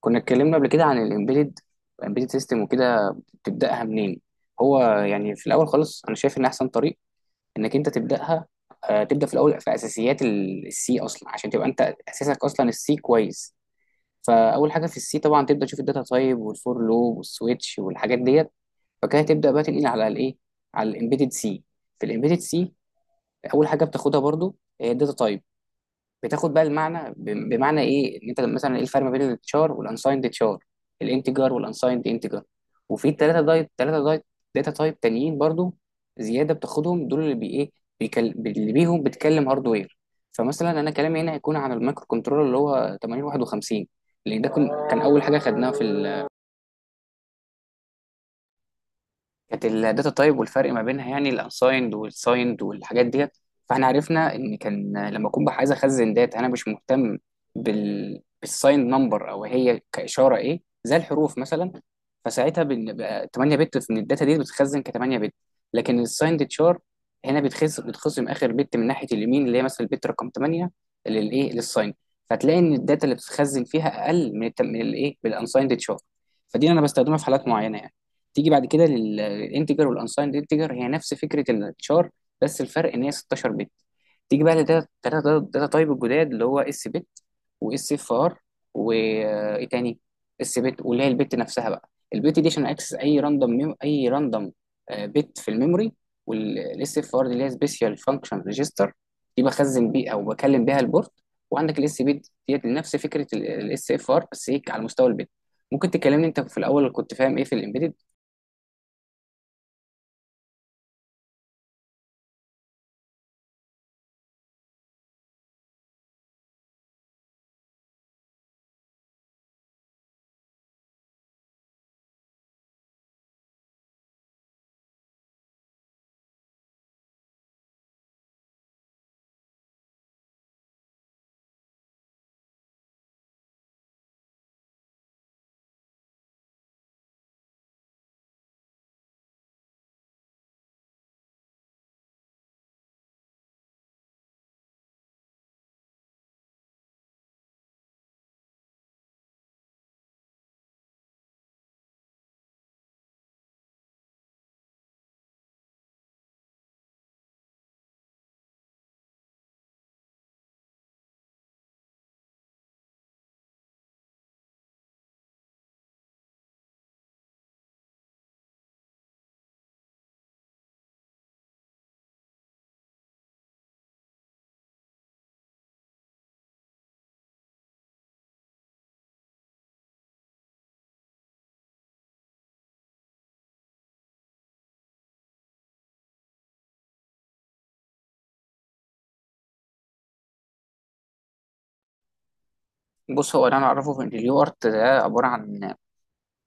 كنا اتكلمنا قبل كده عن الامبيدد سيستم وكده. تبداها منين؟ هو يعني في الاول خالص انا شايف ان احسن طريق انك انت تبداها. تبدا في الاول في اساسيات السي اصلا عشان تبقى انت اساسك اصلا السي كويس. فاول حاجه في السي طبعا تبدا تشوف الداتا تايب والفور لوب والسويتش والحاجات ديت. فكده تبدا بقى تنقل على الايه، على الامبيدد سي. في الامبيدد سي اول حاجه بتاخدها برضو هي الداتا تايب. بتاخد بقى المعنى بمعنى ايه ان انت مثلا ايه الفرق ما بين التشار والانسايند تشار، الانتجر والانسايند انتجر. وفي الثلاثه دايت ثلاثه دايت داتا تايب تانيين برضو زياده بتاخدهم دول اللي بي ايه، اللي بيهم بتكلم هاردوير. فمثلا انا كلامي هنا هيكون عن المايكرو كنترولر اللي هو 8051، لان ده كان اول حاجه خدناها في، كانت الداتا تايب والفرق ما بينها يعني الانسايند والسايند والحاجات ديت. فاحنا عرفنا ان كان لما اكون بقى عايز اخزن داتا انا مش مهتم بالسايند نمبر او هي كاشاره ايه زي الحروف مثلا. فساعتها بقى 8 بت من الداتا دي بتتخزن ك 8 بت. لكن السايند تشار هنا بتخزن اخر بت من ناحيه اليمين اللي هي مثلا البت رقم 8 للايه للسايند. فتلاقي ان الداتا اللي بتتخزن فيها اقل من من الايه بالانسايند تشار. فدي انا بستخدمها في حالات معينه يعني. تيجي بعد كده للانتجر والانسايند انتجر، هي نفس فكره التشار بس الفرق ان هي 16 بت. تيجي بقى لداتا داتا داتا تايب الجداد اللي هو اس بت واس اف ار وايه تاني. اس بت واللي هي البت نفسها بقى، البت دي عشان اكسس اي راندوم بت في الميموري. والاس اف ار دي اللي هي سبيشال فانكشن ريجستر، دي بخزن بيه او بكلم بيها البورت. وعندك الاس بت ديت نفس فكره الاس اف ار بس هيك على مستوى البت. ممكن تكلمني انت في الاول كنت فاهم ايه في الامبيدد؟ بص هو اللي انا اعرفه في ان اليو ارت ده عباره عن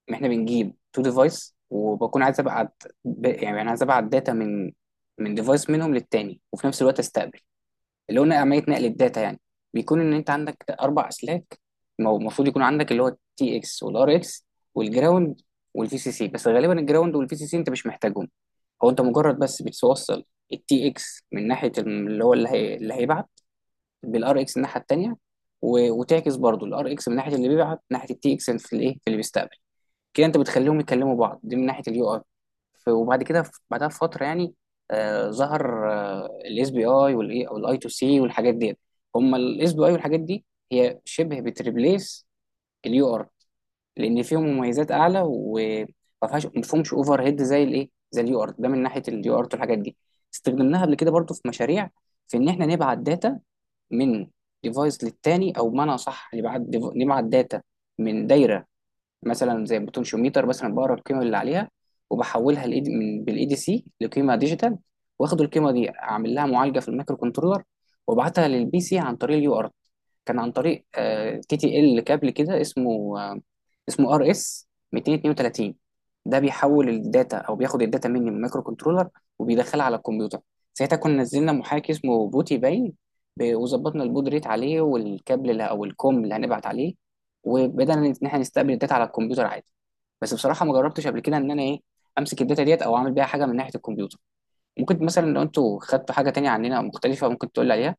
ان احنا بنجيب تو ديفايس وبكون عايز ابعت يعني انا عايز ابعت داتا من ديفايس منهم للتاني وفي نفس الوقت استقبل. اللي هو عمليه نقل الداتا يعني بيكون ان انت عندك اربع اسلاك. المفروض يكون عندك اللي هو التي اكس والار اكس والجراوند والفي سي سي، بس غالبا الجراوند والفي سي سي انت مش محتاجهم. هو انت مجرد بس بتوصل التي اكس من ناحيه اللي هو اللي هيبعت بالار اكس الناحيه التانيه. وتعكس برضو الار اكس من ناحيه اللي بيبعت ناحيه التي اكس في الايه في اللي بيستقبل. كده انت بتخليهم يكلموا بعض، دي من ناحيه اليو اي. وبعد كده بعدها بفتره يعني ظهر الاس بي اي والاي او الاي تو سي والحاجات ديت. هم الاس بي اي والحاجات دي هي شبه بتريبليس اليو ار، لان فيهم مميزات اعلى وما فيهاش ما فيهمش اوفر هيد زي الايه زي اليو ارت ده. من ناحيه اليو ارت والحاجات دي استخدمناها قبل كده برضو في مشاريع، في ان احنا نبعت داتا من ديفايس للتاني، او بمعنى اصح نبعت نبعت داتا من دايره مثلا زي بوتنشيوميتر. مثلا بقرا القيمه اللي عليها وبحولها من بالاي دي سي لقيمه ديجيتال. واخد القيمه دي اعمل لها معالجه في المايكرو كنترولر وابعتها للبي سي عن طريق اليو ارت. كان عن طريق كي تي ال كابل كده اسمه، اسمه ار اس 232. ده بيحول الداتا او بياخد الداتا مني من المايكرو كنترولر وبيدخلها على الكمبيوتر. ساعتها كنا نزلنا محاكي اسمه بوتي باين، وظبطنا البود ريت عليه والكابل او الكوم اللي هنبعت عليه. وبدأنا ان احنا نستقبل الداتا على الكمبيوتر عادي. بس بصراحه ما جربتش قبل كده ان انا ايه امسك الداتا ديت او اعمل بيها حاجه من ناحيه الكمبيوتر. ممكن مثلا لو انتوا خدتوا حاجه تانية عننا مختلفه ممكن تقول لي عليها.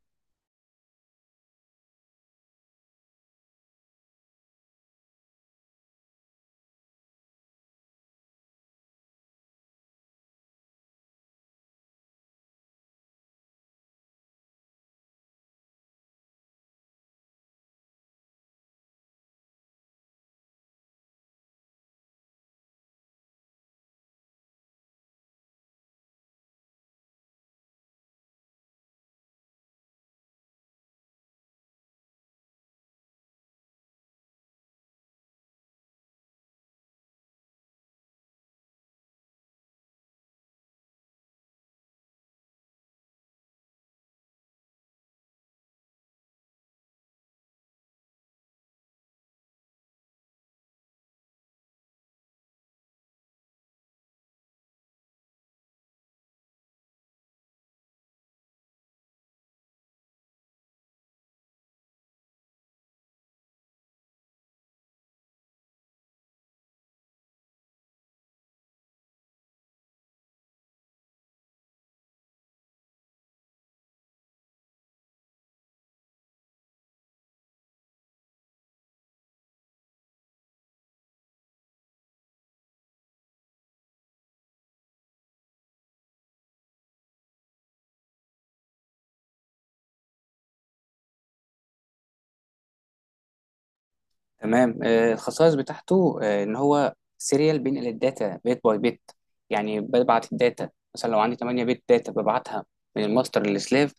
تمام. الخصائص بتاعته ان هو سيريال بينقل الداتا بيت باي بيت. يعني ببعت الداتا مثلا لو عندي 8 بيت داتا ببعتها من الماستر للسلاف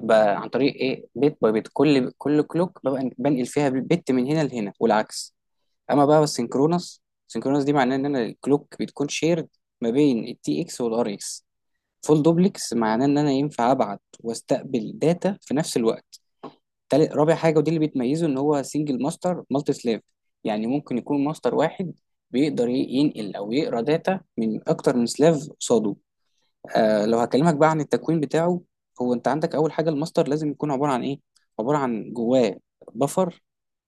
عن طريق ايه بيت باي بيت. كل كلوك ببقى بنقل فيها بيت من هنا لهنا والعكس. اما بقى السynchronous، دي معناه ان انا الكلوك بتكون شيرد ما بين التي اكس والار اكس. فول دوبلكس معناه ان انا ينفع ابعت واستقبل داتا في نفس الوقت. تالت رابع حاجه ودي اللي بتميزه ان هو سنجل ماستر مالتي سلاف، يعني ممكن يكون ماستر واحد بيقدر ينقل او يقرا داتا من اكتر من سلاف قصاده. لو هكلمك بقى عن التكوين بتاعه، هو انت عندك اول حاجه الماستر لازم يكون عباره عن ايه. عباره عن جواه بفر،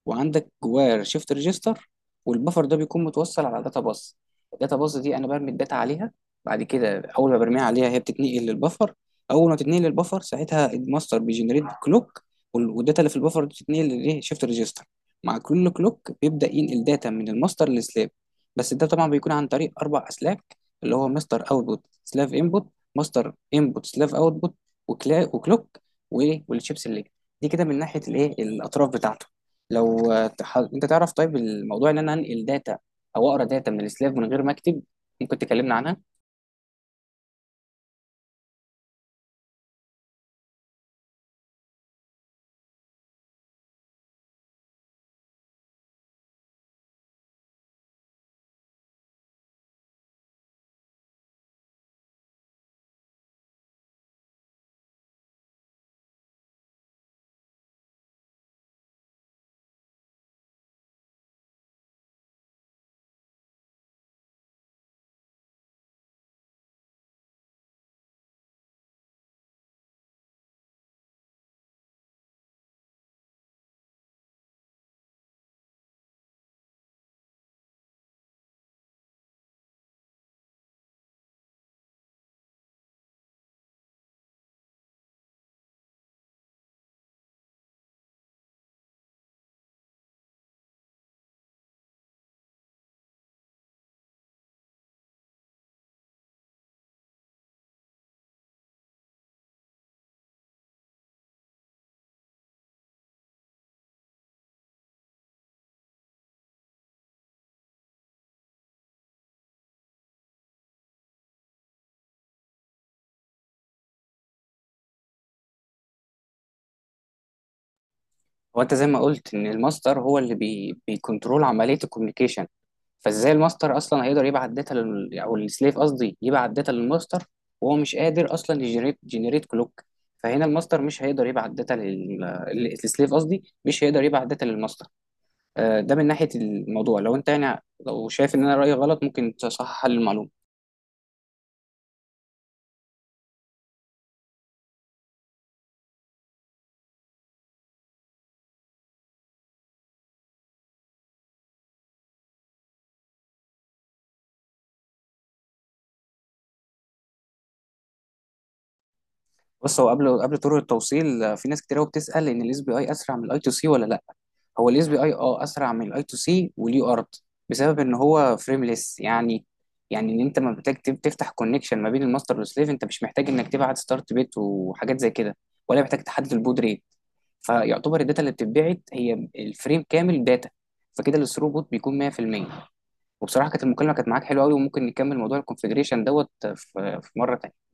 وعندك جواه شيفت ريجستر، والبفر ده بيكون متوصل على داتا باص. الداتا باص دي انا برمي الداتا عليها. بعد كده اول ما برميها عليها هي بتتنقل للبفر. اول ما تتنقل للبفر ساعتها الماستر بيجنريت كلوك، والداتا اللي في البفر دي بتتنقل للايه شيفت ريجستر. مع كل كلوك بيبدا ينقل داتا من الماستر للسلاب. بس ده طبعا بيكون عن طريق اربع اسلاك، اللي هو ماستر اوتبوت سلاف انبوت، ماستر انبوت سلاف اوتبوت، وكلوك، وايه والشيب سيلكت. دي كده من ناحيه الايه الاطراف بتاعته. لو انت تعرف طيب الموضوع ان انا انقل داتا او اقرا داتا من السلاف من غير ما اكتب، ممكن تكلمنا عنها. هو انت زي ما قلت ان الماستر هو اللي بيكنترول عمليه الكوميونيكيشن. فازاي الماستر اصلا هيقدر يبعت داتا او السليف قصدي يبعت داتا للماستر وهو مش قادر اصلا يجنريت كلوك. فهنا الماستر مش هيقدر يبعت داتا للسليف قصدي مش هيقدر يبعت داتا للماستر. ده من ناحيه الموضوع لو انت يعني لو شايف ان انا رايي غلط ممكن تصحح لي المعلومه. بص هو قبل طرق التوصيل في ناس كتير قوي بتسال ان الاس بي اي اسرع من الاي تو سي ولا لا. هو الاس بي اي اسرع من الاي تو سي وليه ارض بسبب ان هو فريمليس يعني. يعني ان انت ما محتاج تفتح كونكشن ما بين الماستر والسليف، انت مش محتاج انك تبعت ستارت بيت وحاجات زي كده، ولا محتاج تحدد البود ريت. فيعتبر الداتا اللي بتتبعت هي الفريم كامل داتا. فكده الثروبوت بيكون 100%. وبصراحه كانت المكالمه كانت معاك حلوه قوي، وممكن نكمل موضوع الكونفجريشن دوت في مره تانيه.